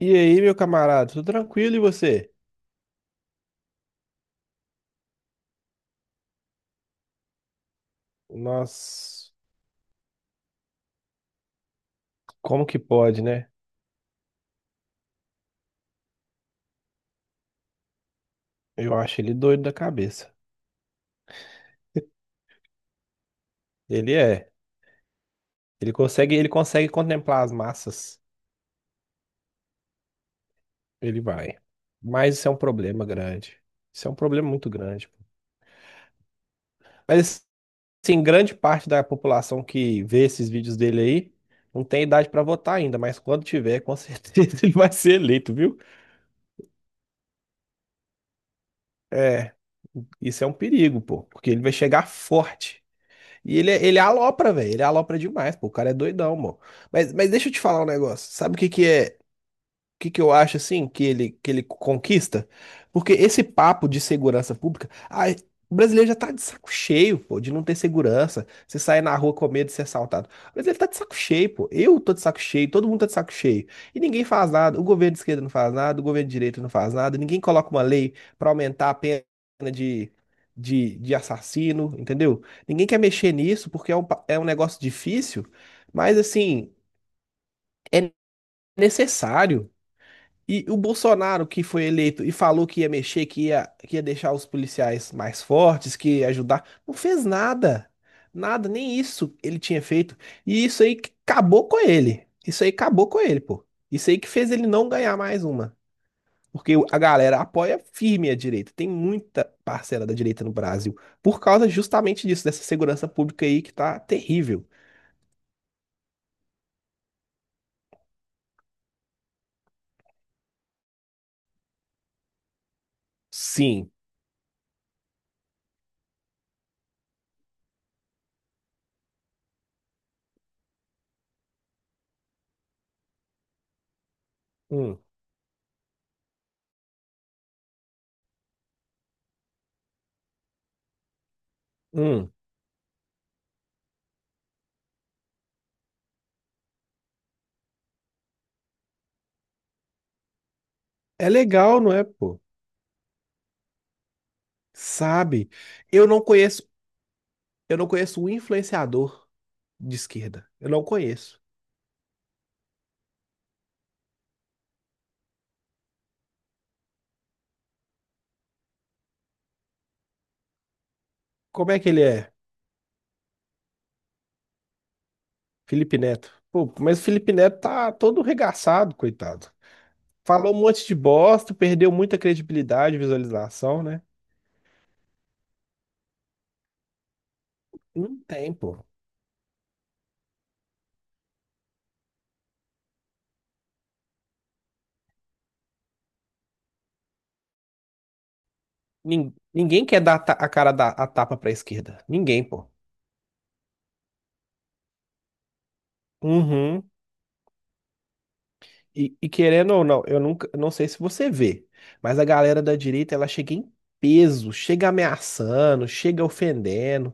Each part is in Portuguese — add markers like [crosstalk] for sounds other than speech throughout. E aí, meu camarada, tudo tranquilo e você? Nossa, como que pode, né? Eu acho ele doido da cabeça. Ele é. Ele consegue contemplar as massas. Ele vai. Mas isso é um problema grande. Isso é um problema muito grande. Mas assim, grande parte da população que vê esses vídeos dele aí não tem idade pra votar ainda, mas quando tiver, com certeza [laughs] ele vai ser eleito, viu? É, isso é um perigo, pô, porque ele vai chegar forte. E ele, ele é alopra, velho. Ele é alopra demais, pô. O cara é doidão, mano. Mas deixa eu te falar um negócio. Sabe o que que é? Que eu acho assim que ele conquista? Porque esse papo de segurança pública, ai, o brasileiro já tá de saco cheio, pô, de não ter segurança. Você sair na rua com medo de ser assaltado. O brasileiro tá de saco cheio, pô. Eu tô de saco cheio, todo mundo tá de saco cheio. E ninguém faz nada. O governo de esquerda não faz nada, o governo de direita não faz nada. Ninguém coloca uma lei pra aumentar a pena de, de assassino, entendeu? Ninguém quer mexer nisso porque é um negócio difícil, mas assim, é necessário. E o Bolsonaro que foi eleito e falou que ia mexer, que ia deixar os policiais mais fortes, que ia ajudar, não fez nada. Nada, nem isso ele tinha feito. E isso aí que acabou com ele. Isso aí acabou com ele, pô. Isso aí que fez ele não ganhar mais uma. Porque a galera apoia firme a direita. Tem muita parcela da direita no Brasil. Por causa justamente disso, dessa segurança pública aí que tá terrível. Sim. Hum, hum. É legal, não é, pô? Sabe? Eu não conheço Eu não conheço um influenciador de esquerda. Eu não conheço. Como é que ele é? Felipe Neto. Pô, mas o Felipe Neto tá todo regaçado, coitado. Falou um monte de bosta, perdeu muita credibilidade, visualização, né? Não tem, pô. Ninguém quer dar a cara da a tapa pra esquerda. Ninguém, pô. Uhum. E querendo ou não, eu não sei se você vê, mas a galera da direita, ela chega em peso, chega ameaçando, chega ofendendo.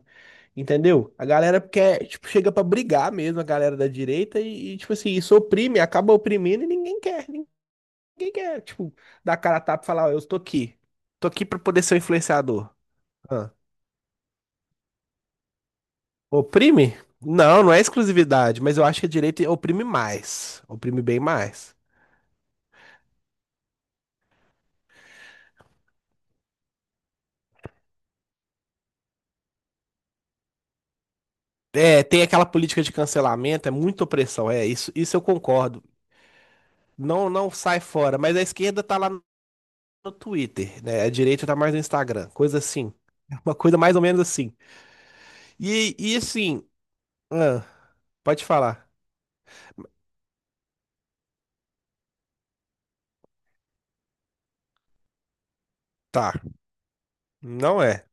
Entendeu? A galera quer, tipo, chega pra brigar mesmo, a galera da direita, tipo assim, isso oprime, acaba oprimindo e ninguém quer, tipo, dar a cara a tapa e falar, ó, eu tô aqui pra poder ser um influenciador. Ah, Oprime? Não, não é exclusividade, mas eu acho que a direita oprime mais, oprime bem mais. É, tem aquela política de cancelamento, é muita opressão, é, isso eu concordo. Não, não sai fora, mas a esquerda tá lá no Twitter, né? A direita tá mais no Instagram, coisa assim. [laughs] Uma coisa mais ou menos assim. E assim, ah, pode falar. Tá, não é.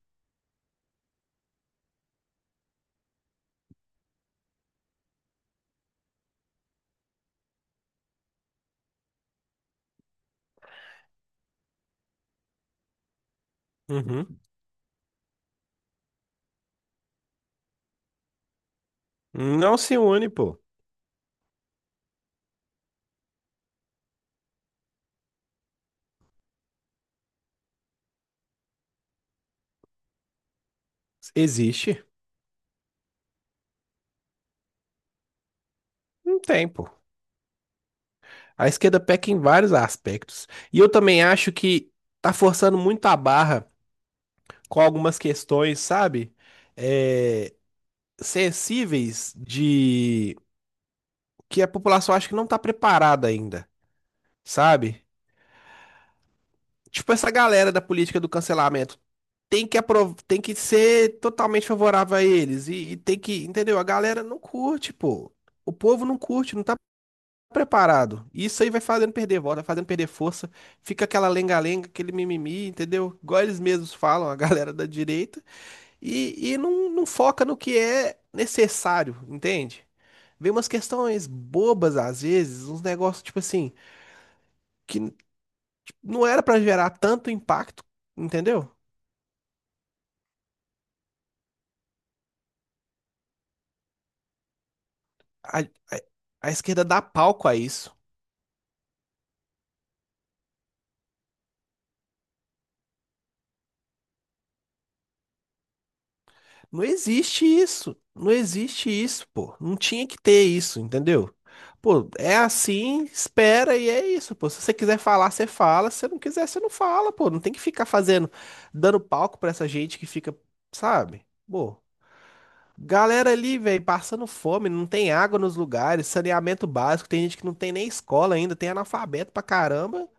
Uhum. Não se une, pô. Existe? Não tem, pô. A esquerda peca em vários aspectos. E eu também acho que tá forçando muito a barra com algumas questões, sabe? É, sensíveis de que a população acha que não tá preparada ainda, sabe? Tipo, essa galera da política do cancelamento tem que ser totalmente favorável a eles. E tem que, entendeu? A galera não curte, pô. O povo não curte, não tá preparado. E isso aí vai fazendo perder voto, vai fazendo perder força. Fica aquela lenga-lenga, aquele mimimi, entendeu? Igual eles mesmos falam, a [laughs] galera da direita. E não, não foca no que é necessário, entende? Vem umas questões bobas às vezes, uns negócios tipo assim, que não era pra gerar tanto impacto, entendeu? a, a a esquerda dá palco a isso. Não existe isso. Não existe isso, pô. Não tinha que ter isso, entendeu? Pô, é assim, espera e é isso, pô. Se você quiser falar, você fala. Se você não quiser, você não fala, pô. Não tem que ficar fazendo, dando palco pra essa gente que fica, sabe? Pô, galera ali, velho, passando fome, não tem água nos lugares, saneamento básico, tem gente que não tem nem escola ainda, tem analfabeto pra caramba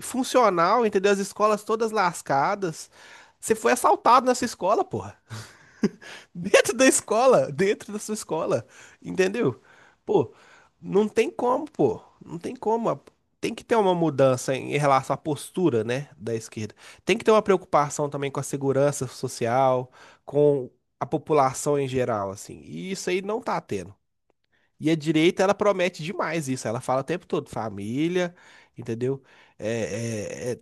funcional, entendeu? As escolas todas lascadas. Você foi assaltado nessa escola, porra. [laughs] Dentro da escola, dentro da sua escola, entendeu? Pô, não tem como, pô. Não tem como. Tem que ter uma mudança em relação à postura, né, da esquerda. Tem que ter uma preocupação também com a segurança social, com a população em geral, assim. E isso aí não tá tendo. E a direita, ela promete demais isso. Ela fala o tempo todo, família, entendeu? É, é, é,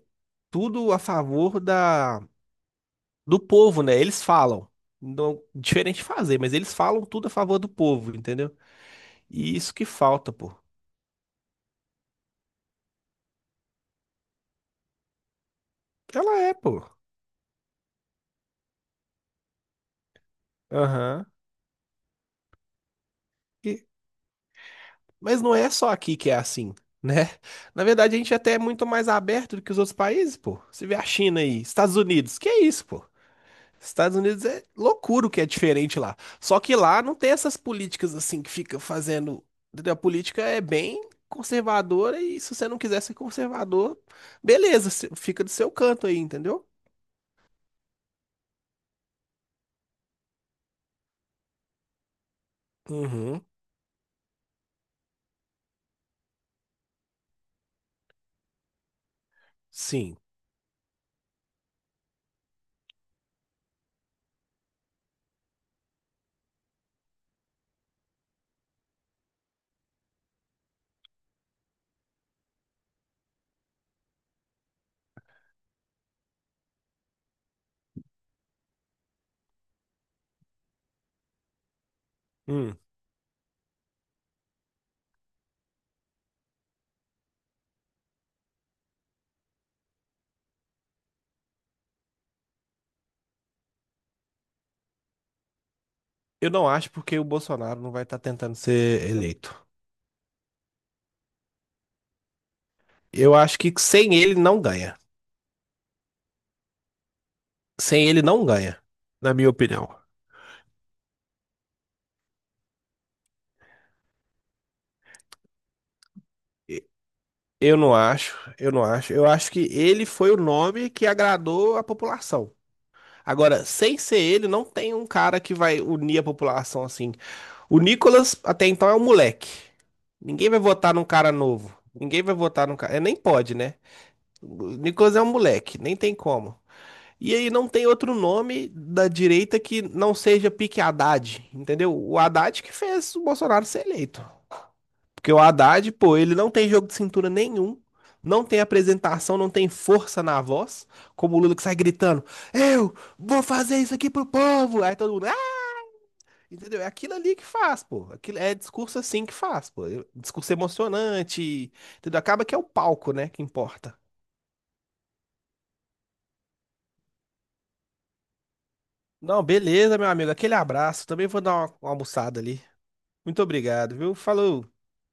tudo a favor do povo, né? Eles falam. Não, diferente de fazer, mas eles falam tudo a favor do povo, entendeu? E isso que falta, pô. Ela é, pô. Aham. E- Mas não é só aqui que é assim, [laughs] né? Na verdade, a gente até é muito mais aberto do que os outros países, pô. Você vê a China aí, Estados Unidos, que é isso, pô? Estados Unidos é loucura o que é diferente lá. Só que lá não tem essas políticas assim que fica fazendo, entendeu? A política é bem conservadora e se você não quiser ser conservador, beleza, você fica do seu canto aí, entendeu? Uhum, sim. Hum. Eu não acho porque o Bolsonaro não vai estar tentando ser eleito. Eu acho que sem ele não ganha. Sem ele não ganha, na minha opinião. E- Eu não acho, eu não acho. Eu acho que ele foi o nome que agradou a população. Agora, sem ser ele, não tem um cara que vai unir a população assim. O Nicolas, até então, é um moleque. Ninguém vai votar num cara novo. Ninguém vai votar num cara. É, nem pode, né? O Nicolas é um moleque, nem tem como. E aí não tem outro nome da direita que não seja Pique Haddad, entendeu? O Haddad que fez o Bolsonaro ser eleito. Porque o Haddad, pô, ele não tem jogo de cintura nenhum, não tem apresentação, não tem força na voz, como o Lula que sai gritando: Eu vou fazer isso aqui pro povo! Aí todo mundo, ah! Entendeu? É aquilo ali que faz, pô. Aquilo é discurso assim que faz, pô. É discurso emocionante, entendeu? Acaba que é o palco, né, que importa. Não, beleza, meu amigo. Aquele abraço. Também vou dar uma almoçada ali. Muito obrigado, viu? Falou.